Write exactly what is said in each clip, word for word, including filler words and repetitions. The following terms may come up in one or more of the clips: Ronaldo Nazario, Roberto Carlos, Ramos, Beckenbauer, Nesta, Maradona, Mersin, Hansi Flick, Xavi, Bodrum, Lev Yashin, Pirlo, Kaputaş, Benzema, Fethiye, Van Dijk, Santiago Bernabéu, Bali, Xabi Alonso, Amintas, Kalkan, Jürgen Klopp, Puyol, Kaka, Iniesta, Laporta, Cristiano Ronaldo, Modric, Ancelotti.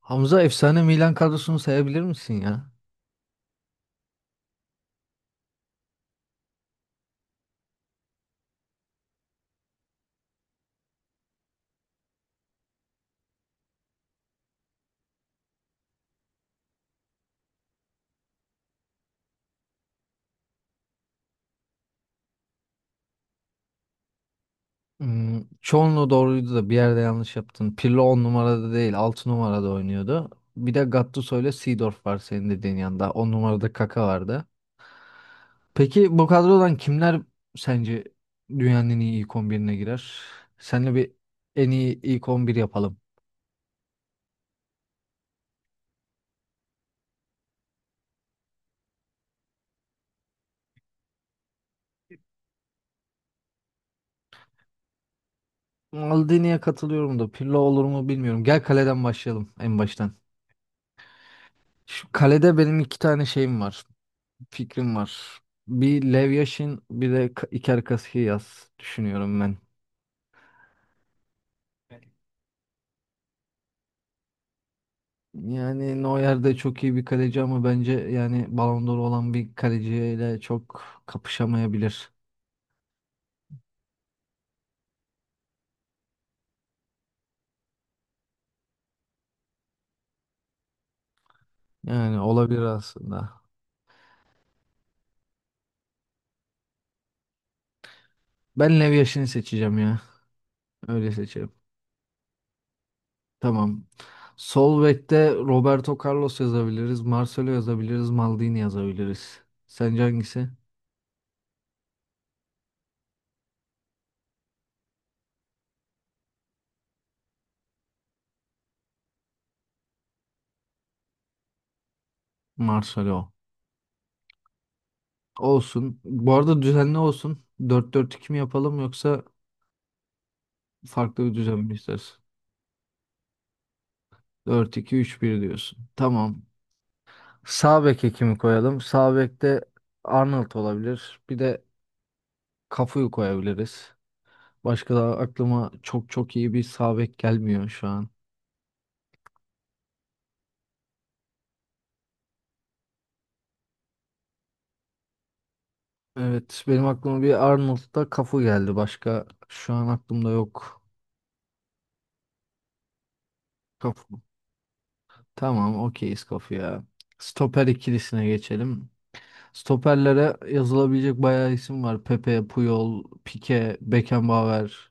Hamza efsane Milan kadrosunu sayabilir misin ya? Hmm, çoğunluğu doğruydu da bir yerde yanlış yaptın. Pirlo on numarada değil altı numarada oynuyordu. Bir de Gattuso ile Seedorf var senin dediğin yanında. On numarada Kaka vardı. Peki bu kadrodan kimler sence dünyanın en iyi ilk on birine girer? Seninle bir en iyi ilk on bir yapalım. Maldini'ye katılıyorum da Pirlo olur mu bilmiyorum. Gel kaleden başlayalım en baştan. Şu kalede benim iki tane şeyim var. Fikrim var. Bir Lev Yashin bir de Ka- Iker Casillas düşünüyorum ben. Yani Neuer de çok iyi bir kaleci ama bence yani Ballon d'Or olan bir kaleciyle çok kapışamayabilir. Yani olabilir aslında. Ben Lev Yashin'i seçeceğim ya. Öyle seçelim. Tamam. Sol bekte Roberto Carlos yazabiliriz. Marcelo yazabiliriz. Maldini yazabiliriz. Sence hangisi? Marcelo. Olsun. Bu arada düzenli olsun. Dört dört iki mi yapalım yoksa farklı bir düzen mi istersin? Dört iki üç bir diyorsun. Tamam. Sağ beke kimi koyalım? Sağ bekte Arnold olabilir. Bir de Cafu'yu koyabiliriz. Başka da aklıma çok çok iyi bir sağ bek gelmiyor şu an. Evet, benim aklıma bir Arnold'da Cafu geldi. Başka şu an aklımda yok. Cafu. Tamam, okeyiz Cafu'ya. Stoper ikilisine geçelim. Stoperlere yazılabilecek bayağı isim var. Pepe, Puyol, Pique, Beckenbauer.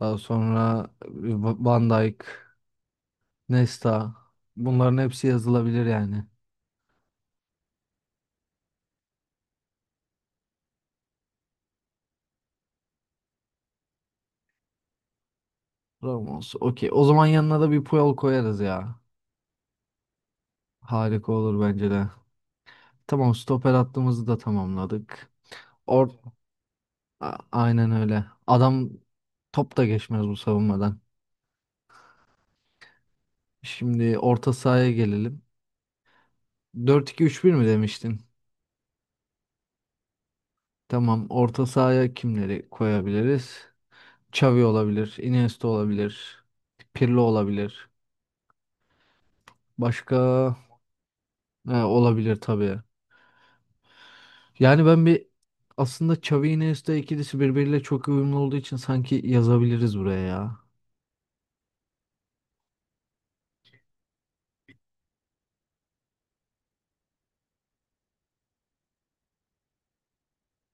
Daha sonra Van Dijk, Nesta, bunların hepsi yazılabilir yani. Ramos. Okey. O zaman yanına da bir Puyol koyarız ya. Harika olur bence de. Tamam, stoper hattımızı da tamamladık. Or A- Aynen öyle. Adam top da geçmez bu savunmadan. Şimdi orta sahaya gelelim. Dört iki üç bir mi demiştin? Tamam. Orta sahaya kimleri koyabiliriz? Xavi olabilir. Iniesta olabilir. Pirlo olabilir. Başka? Ha, olabilir tabii. Yani ben bir aslında Xavi Iniesta ikilisi birbiriyle çok uyumlu olduğu için sanki yazabiliriz buraya ya.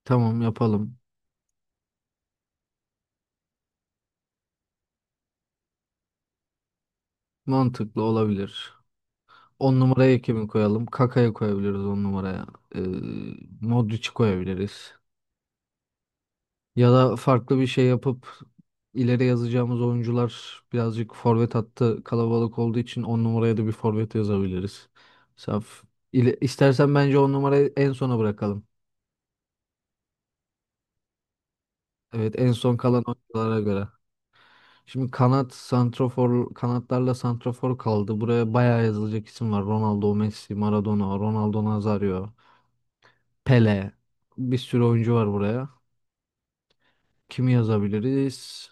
Tamam yapalım. Mantıklı olabilir. On numaraya kimi koyalım? Kaka'yı koyabiliriz on numaraya. Ee, Modric'i koyabiliriz. Ya da farklı bir şey yapıp ileri yazacağımız oyuncular birazcık forvet hattı kalabalık olduğu için on numaraya da bir forvet yazabiliriz. Saf. İle- İstersen bence on numarayı en sona bırakalım. Evet, en son kalan oyunculara göre. Şimdi kanat santrofor kanatlarla santrofor kaldı. Buraya bayağı yazılacak isim var. Ronaldo, Messi, Maradona, Ronaldo Nazario, Pele. Bir sürü oyuncu var buraya. Kimi yazabiliriz?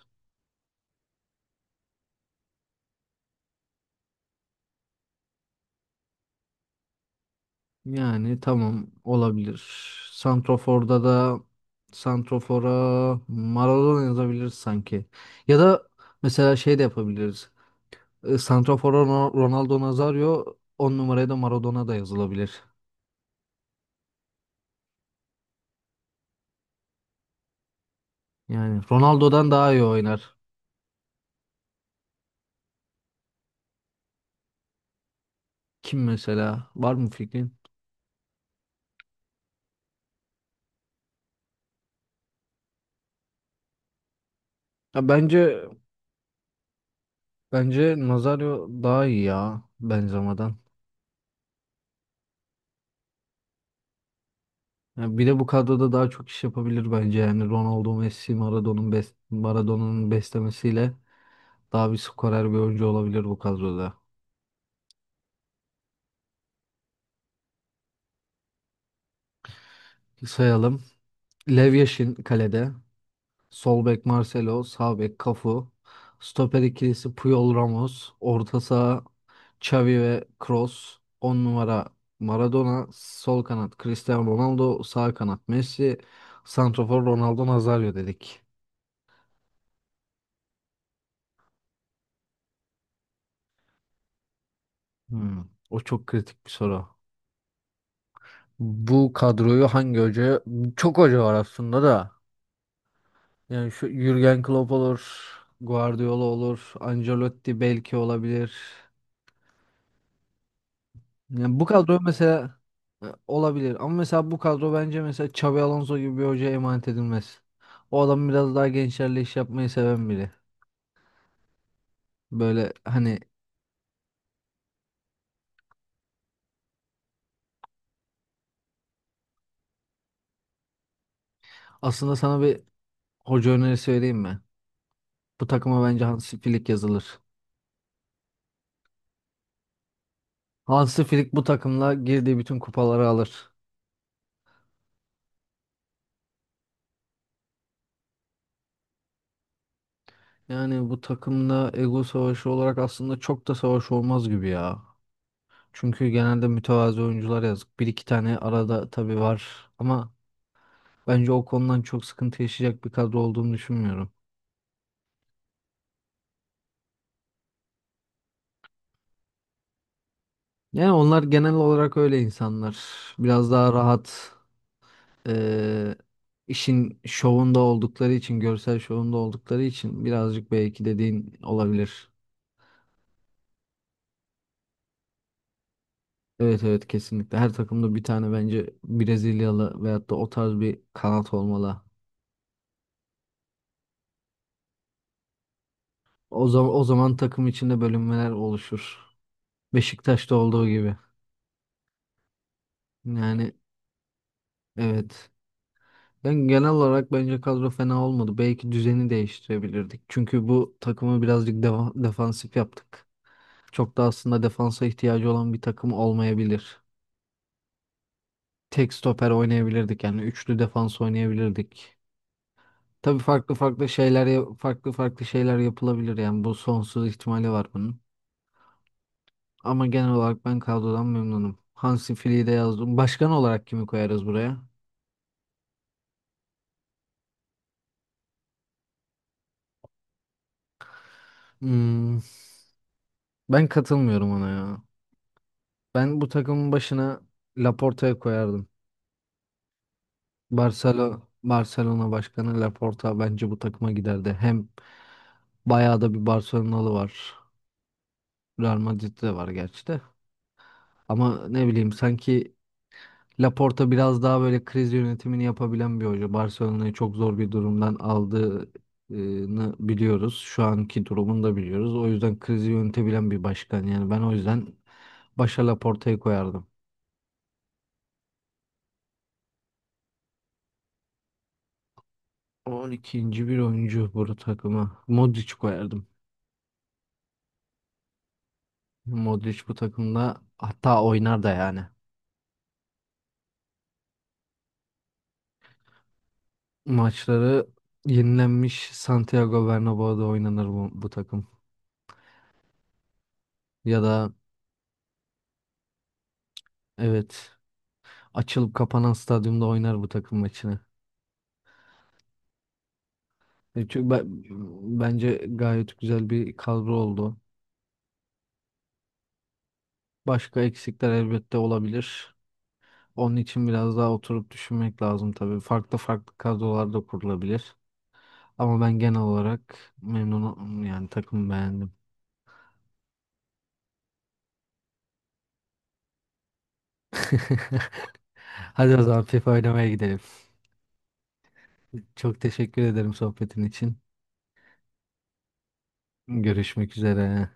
Yani tamam olabilir. Santrofor'da da santrofora Maradona yazabiliriz sanki. Ya da mesela şey de yapabiliriz. E, Santrofora Ro- Ronaldo Nazario, on numaraya da Maradona da yazılabilir. Yani Ronaldo'dan daha iyi oynar. Kim mesela? Var mı fikrin? Ya bence bence Nazario daha iyi ya Benzema'dan. Ya bir de bu kadroda daha çok iş yapabilir bence yani Ronaldo, Messi, Maradona'nın bes Maradona'nın beslemesiyle daha bir skorer bir oyuncu olabilir bu kadroda. Sayalım. Lev Yashin kalede. Sol bek Marcelo, sağ bek Cafu, stoper ikilisi Puyol Ramos, orta saha Xavi ve Kroos, on numara Maradona, sol kanat Cristiano Ronaldo, sağ kanat Messi, santrafor Ronaldo Nazario dedik. Hmm, o çok kritik bir soru. Bu kadroyu hangi hoca? Çok hoca var aslında da. Yani şu Jürgen Klopp olur, Guardiola olur, Ancelotti belki olabilir. Yani bu kadro mesela e, olabilir ama mesela bu kadro bence mesela Xabi Alonso gibi bir hocaya emanet edilmez. O adam biraz daha gençlerle iş yapmayı seven biri. Böyle hani aslında sana bir hoca önerisi vereyim mi? Bu takıma bence Hansi Flick yazılır. Hansi Flick bu takımla girdiği bütün kupaları alır. Yani bu takımda ego savaşı olarak aslında çok da savaş olmaz gibi ya. Çünkü genelde mütevazı oyuncular yazık. Bir iki tane arada tabii var ama bence o konudan çok sıkıntı yaşayacak bir kadro olduğunu düşünmüyorum. Yani onlar genel olarak öyle insanlar. Biraz daha rahat, eee, işin şovunda oldukları için, görsel şovunda oldukları için birazcık belki dediğin olabilir. Evet, evet, kesinlikle. Her takımda bir tane bence Brezilyalı veyahut da o tarz bir kanat olmalı. O zaman o zaman takım içinde bölünmeler oluşur. Beşiktaş'ta olduğu gibi. Yani evet. Ben genel olarak bence kadro fena olmadı. Belki düzeni değiştirebilirdik. Çünkü bu takımı birazcık deva- defansif yaptık. Çok da aslında defansa ihtiyacı olan bir takım olmayabilir. Tek stoper oynayabilirdik yani üçlü defans oynayabilirdik. Tabii farklı farklı şeyler ya- farklı farklı şeyler yapılabilir yani bu sonsuz ihtimali var bunun. Ama genel olarak ben kadrodan memnunum. Hansi Flick'i de yazdım. Başkan olarak kimi koyarız buraya? Hmm, ben katılmıyorum ona ya. Ben bu takımın başına Laporta'ya koyardım. Barcelona, Barcelona başkanı Laporta bence bu takıma giderdi. Hem bayağı da bir Barcelonalı var. Real Madrid'de var gerçi de. Ama ne bileyim sanki Laporta biraz daha böyle kriz yönetimini yapabilen bir hoca. Barcelona'yı çok zor bir durumdan aldığını biliyoruz. Şu anki durumunu da biliyoruz. O yüzden krizi yönetebilen bir başkan. Yani ben o yüzden başa Laporta'yı koyardım. On ikinci bir oyuncu bu takıma. Modric koyardım. Modric bu takımda hatta oynar da yani. Maçları yenilenmiş Santiago Bernabéu'da oynanır bu, bu takım. Ya da evet, açılıp kapanan stadyumda oynar bu takım maçını. E, Çünkü ben, bence gayet güzel bir kadro oldu. Başka eksikler elbette olabilir. Onun için biraz daha oturup düşünmek lazım tabii. Farklı farklı kadrolar da kurulabilir. Ama ben genel olarak memnunum yani takımı beğendim. Hadi o zaman FIFA oynamaya gidelim. Çok teşekkür ederim sohbetin için. Görüşmek üzere.